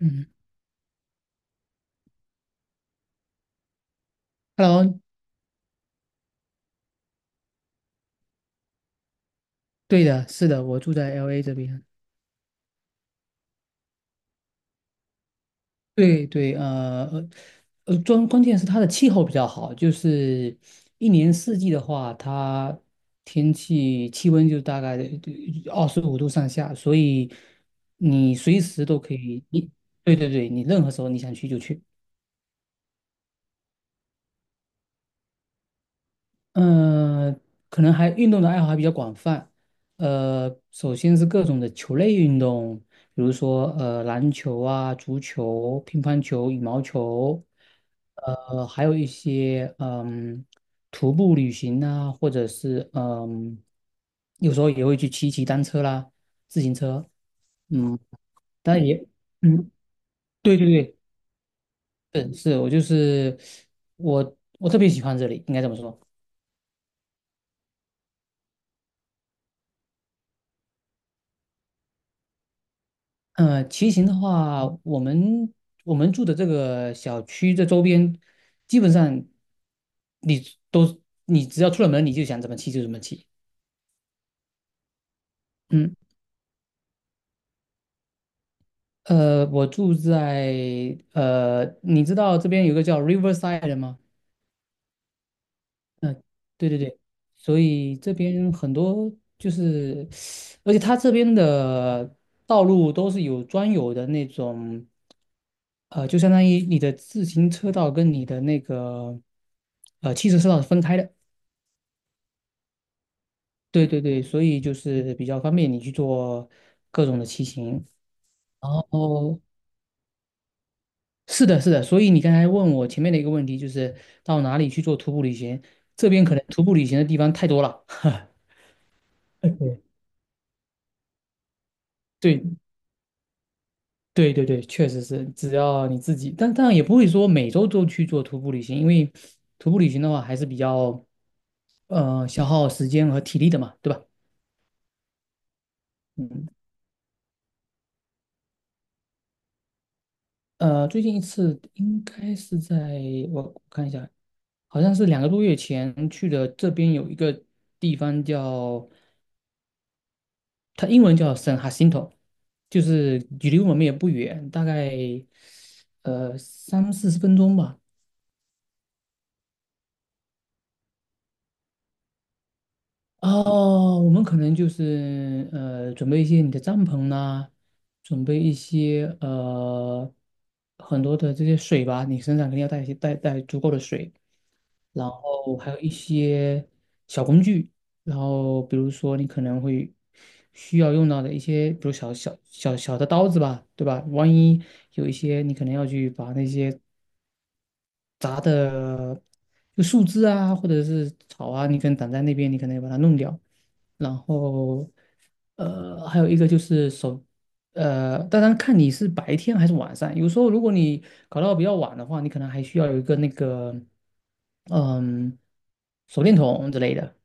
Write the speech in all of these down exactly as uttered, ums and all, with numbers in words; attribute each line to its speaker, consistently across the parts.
Speaker 1: 嗯，Hello,对的，是的，我住在 L A 这边。对对，呃呃，呃，关关键是它的气候比较好，就是一年四季的话，它天气气温就大概二十五度上下，所以你随时都可以，你对对对，你任何时候你想去就去。嗯，呃可能还运动的爱好还比较广泛。呃，首先是各种的球类运动，比如说呃篮球啊、足球、乒乓球、羽毛球，呃，还有一些嗯徒步旅行啊，或者是嗯有时候也会去骑骑单车啦、自行车。嗯，但也嗯，对对对，是是，我就是我我特别喜欢这里，应该怎么说。呃，骑行的话，我们我们住的这个小区这周边，基本上你都你只要出了门，你就想怎么骑就怎么骑。嗯，呃，我住在呃，你知道这边有个叫 Riverside 的吗？嗯，对对对，所以这边很多就是，而且它这边的道路都是有专有的那种。呃，就相当于你的自行车道跟你的那个呃汽车车道是分开的。对对对，所以就是比较方便你去做各种的骑行。然后是的，是的，所以你刚才问我前面的一个问题，就是到哪里去做徒步旅行？这边可能徒步旅行的地方太多了。对对对对，确实是，只要你自己，但当然也不会说每周都去做徒步旅行，因为徒步旅行的话还是比较呃消耗时间和体力的嘛，对吧？嗯。呃，最近一次应该是在我我看一下，好像是两个多月前去的。这边有一个地方叫它英文叫 San Jacinto,就是距离我们也不远，大概呃三四十分钟吧。哦，我们可能就是呃准备一些你的帐篷啦、准备一些呃很多的这些水吧，你身上肯定要带一些带带足够的水。然后还有一些小工具，然后比如说你可能会需要用到的一些，比如小小小小的刀子吧，对吧？万一有一些你可能要去把那些杂的就树枝啊，或者是草啊，你可能挡在那边，你可能要把它弄掉。然后呃，还有一个就是手。呃，当然看你是白天还是晚上。有时候如果你搞到比较晚的话，你可能还需要有一个那个。嗯，手电筒之类的。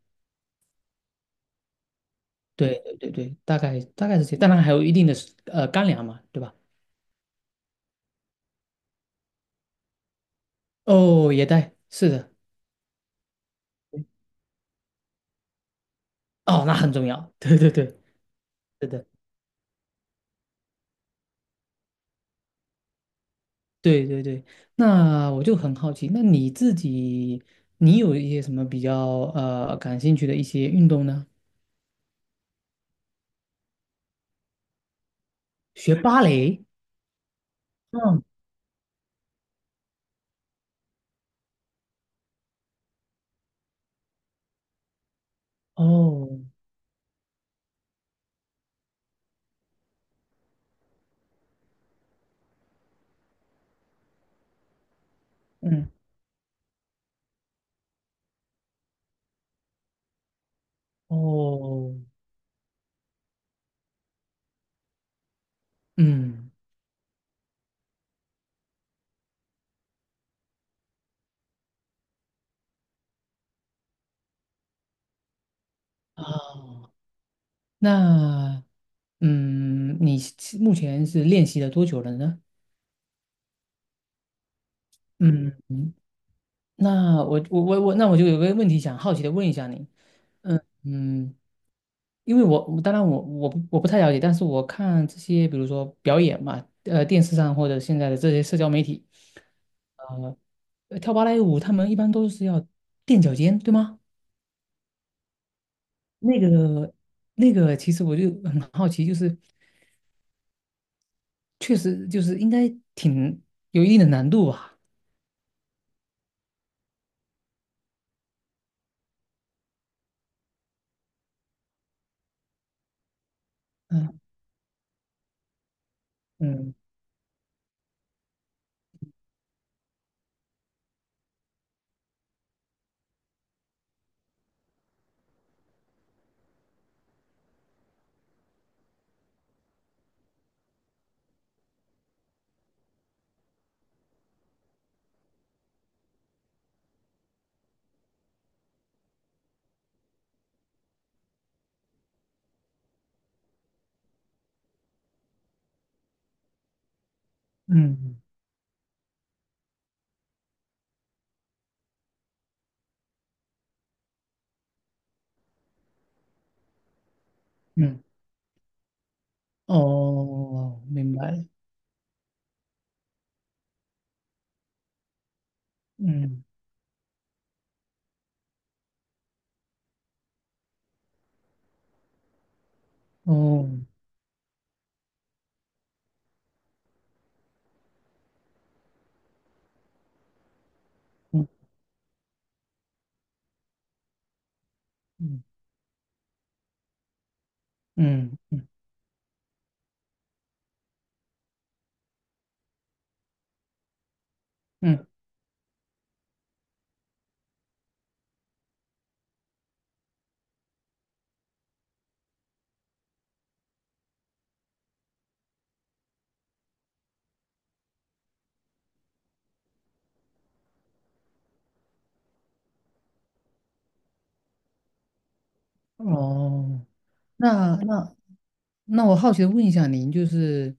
Speaker 1: 对对对对，大概大概是这，当然还有一定的呃干粮嘛，对吧？哦，也带，是的，哦，那很重要。对对对，是的，对对对。那我就很好奇，那你自己，你有一些什么比较呃感兴趣的一些运动呢？学芭蕾？嗯，哦，嗯，哦，嗯，哦，那嗯，你目前是练习了多久了呢？嗯，嗯那我我我我那我就有个问题想好奇的问一下你，嗯，因为我我当然我我不我不太了解，但是我看这些比如说表演嘛，呃，电视上或者现在的这些社交媒体，呃，呃跳芭蕾舞他们一般都是要垫脚尖，对吗？那个那个，其实我就很好奇，就是确实就是应该挺有一定的难度吧？嗯嗯嗯嗯，哦，明白了嗯哦。嗯嗯嗯嗯嗯，哦，那那那我好奇的问一下您，就是，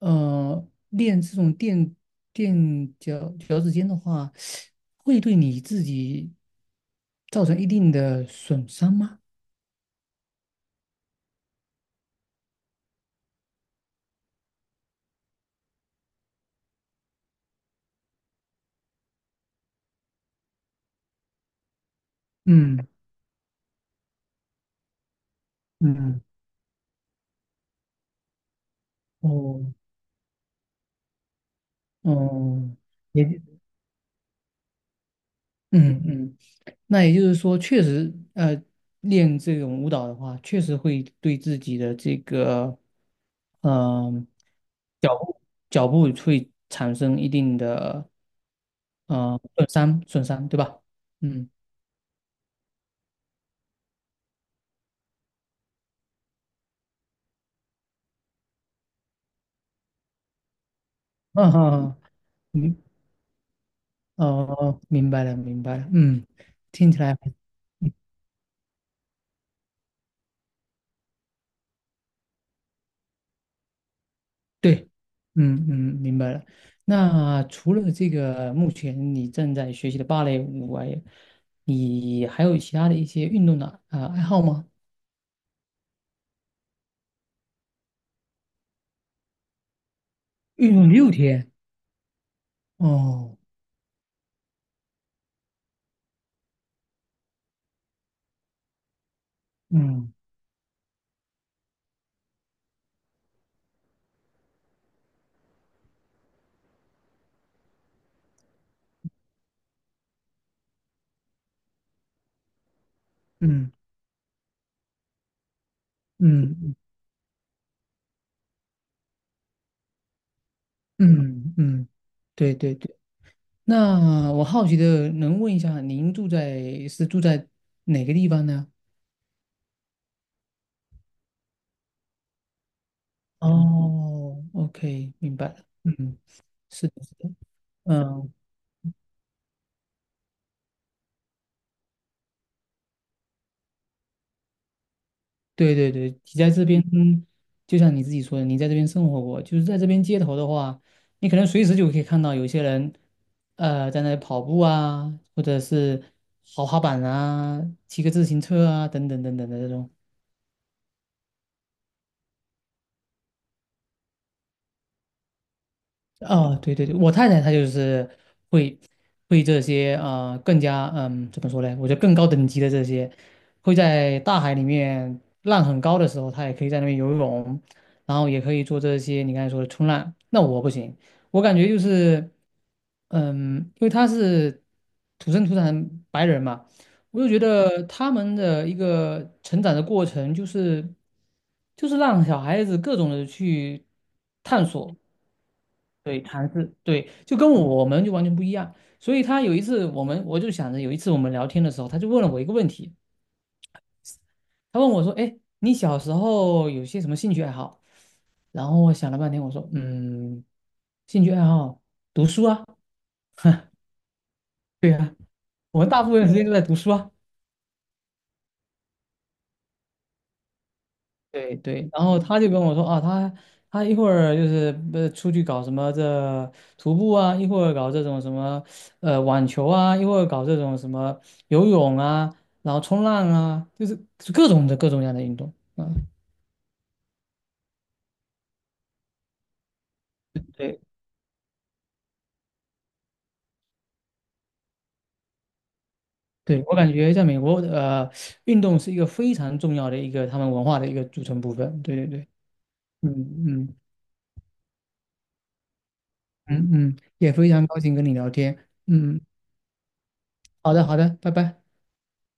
Speaker 1: 呃，练这种垫垫脚脚趾尖的话，会对你自己造成一定的损伤吗？嗯嗯，哦哦，也嗯嗯。那也就是说，确实，呃，练这种舞蹈的话，确实会对自己的这个，嗯、脚步脚步会产生一定的，呃，损伤损伤，对吧？嗯，嗯嗯，明，哦，明白了，明白了，嗯，听起来，嗯对，嗯嗯，明白了。那除了这个，目前你正在学习的芭蕾舞外，你还有其他的一些运动的呃爱好吗？运动六天哦，嗯嗯嗯嗯嗯，嗯，对对对。那我好奇的能问一下，您住在是住在哪个地方呢？哦，OK,明白了。嗯，是的，是的。嗯。对对对，你在这边，就像你自己说的，你在这边生活过，就是在这边街头的话，你可能随时就可以看到有些人，呃，在那里跑步啊，或者是滑滑板啊，骑个自行车啊，等等等等的这种。哦，对对对，我太太她就是会会这些呃更加嗯怎么说呢？我觉得更高等级的这些，会在大海里面浪很高的时候，她也可以在那边游泳，然后也可以做这些你刚才说的冲浪。那我不行，我感觉就是嗯，因为她是土生土长白人嘛，我就觉得他们的一个成长的过程就是就是让小孩子各种的去探索。对，谈资，对，就跟我们就完全不一样。所以他有一次，我们我就想着有一次我们聊天的时候，他就问了我一个问题，他问我说："哎，你小时候有些什么兴趣爱好？"然后我想了半天，我说："嗯，兴趣爱好，读书啊，对啊，我们大部分时间都在读书啊。"对对，然后他就跟我说啊，他他一会儿就是呃出去搞什么这徒步啊，一会儿搞这种什么呃网球啊，一会儿搞这种什么游泳啊，然后冲浪啊，就是各种的各种各样的运动。嗯，对对，我感觉在美国呃，运动是一个非常重要的一个他们文化的一个组成部分。对对对，嗯嗯嗯嗯，也非常高兴跟你聊天。嗯，好的好的，拜拜。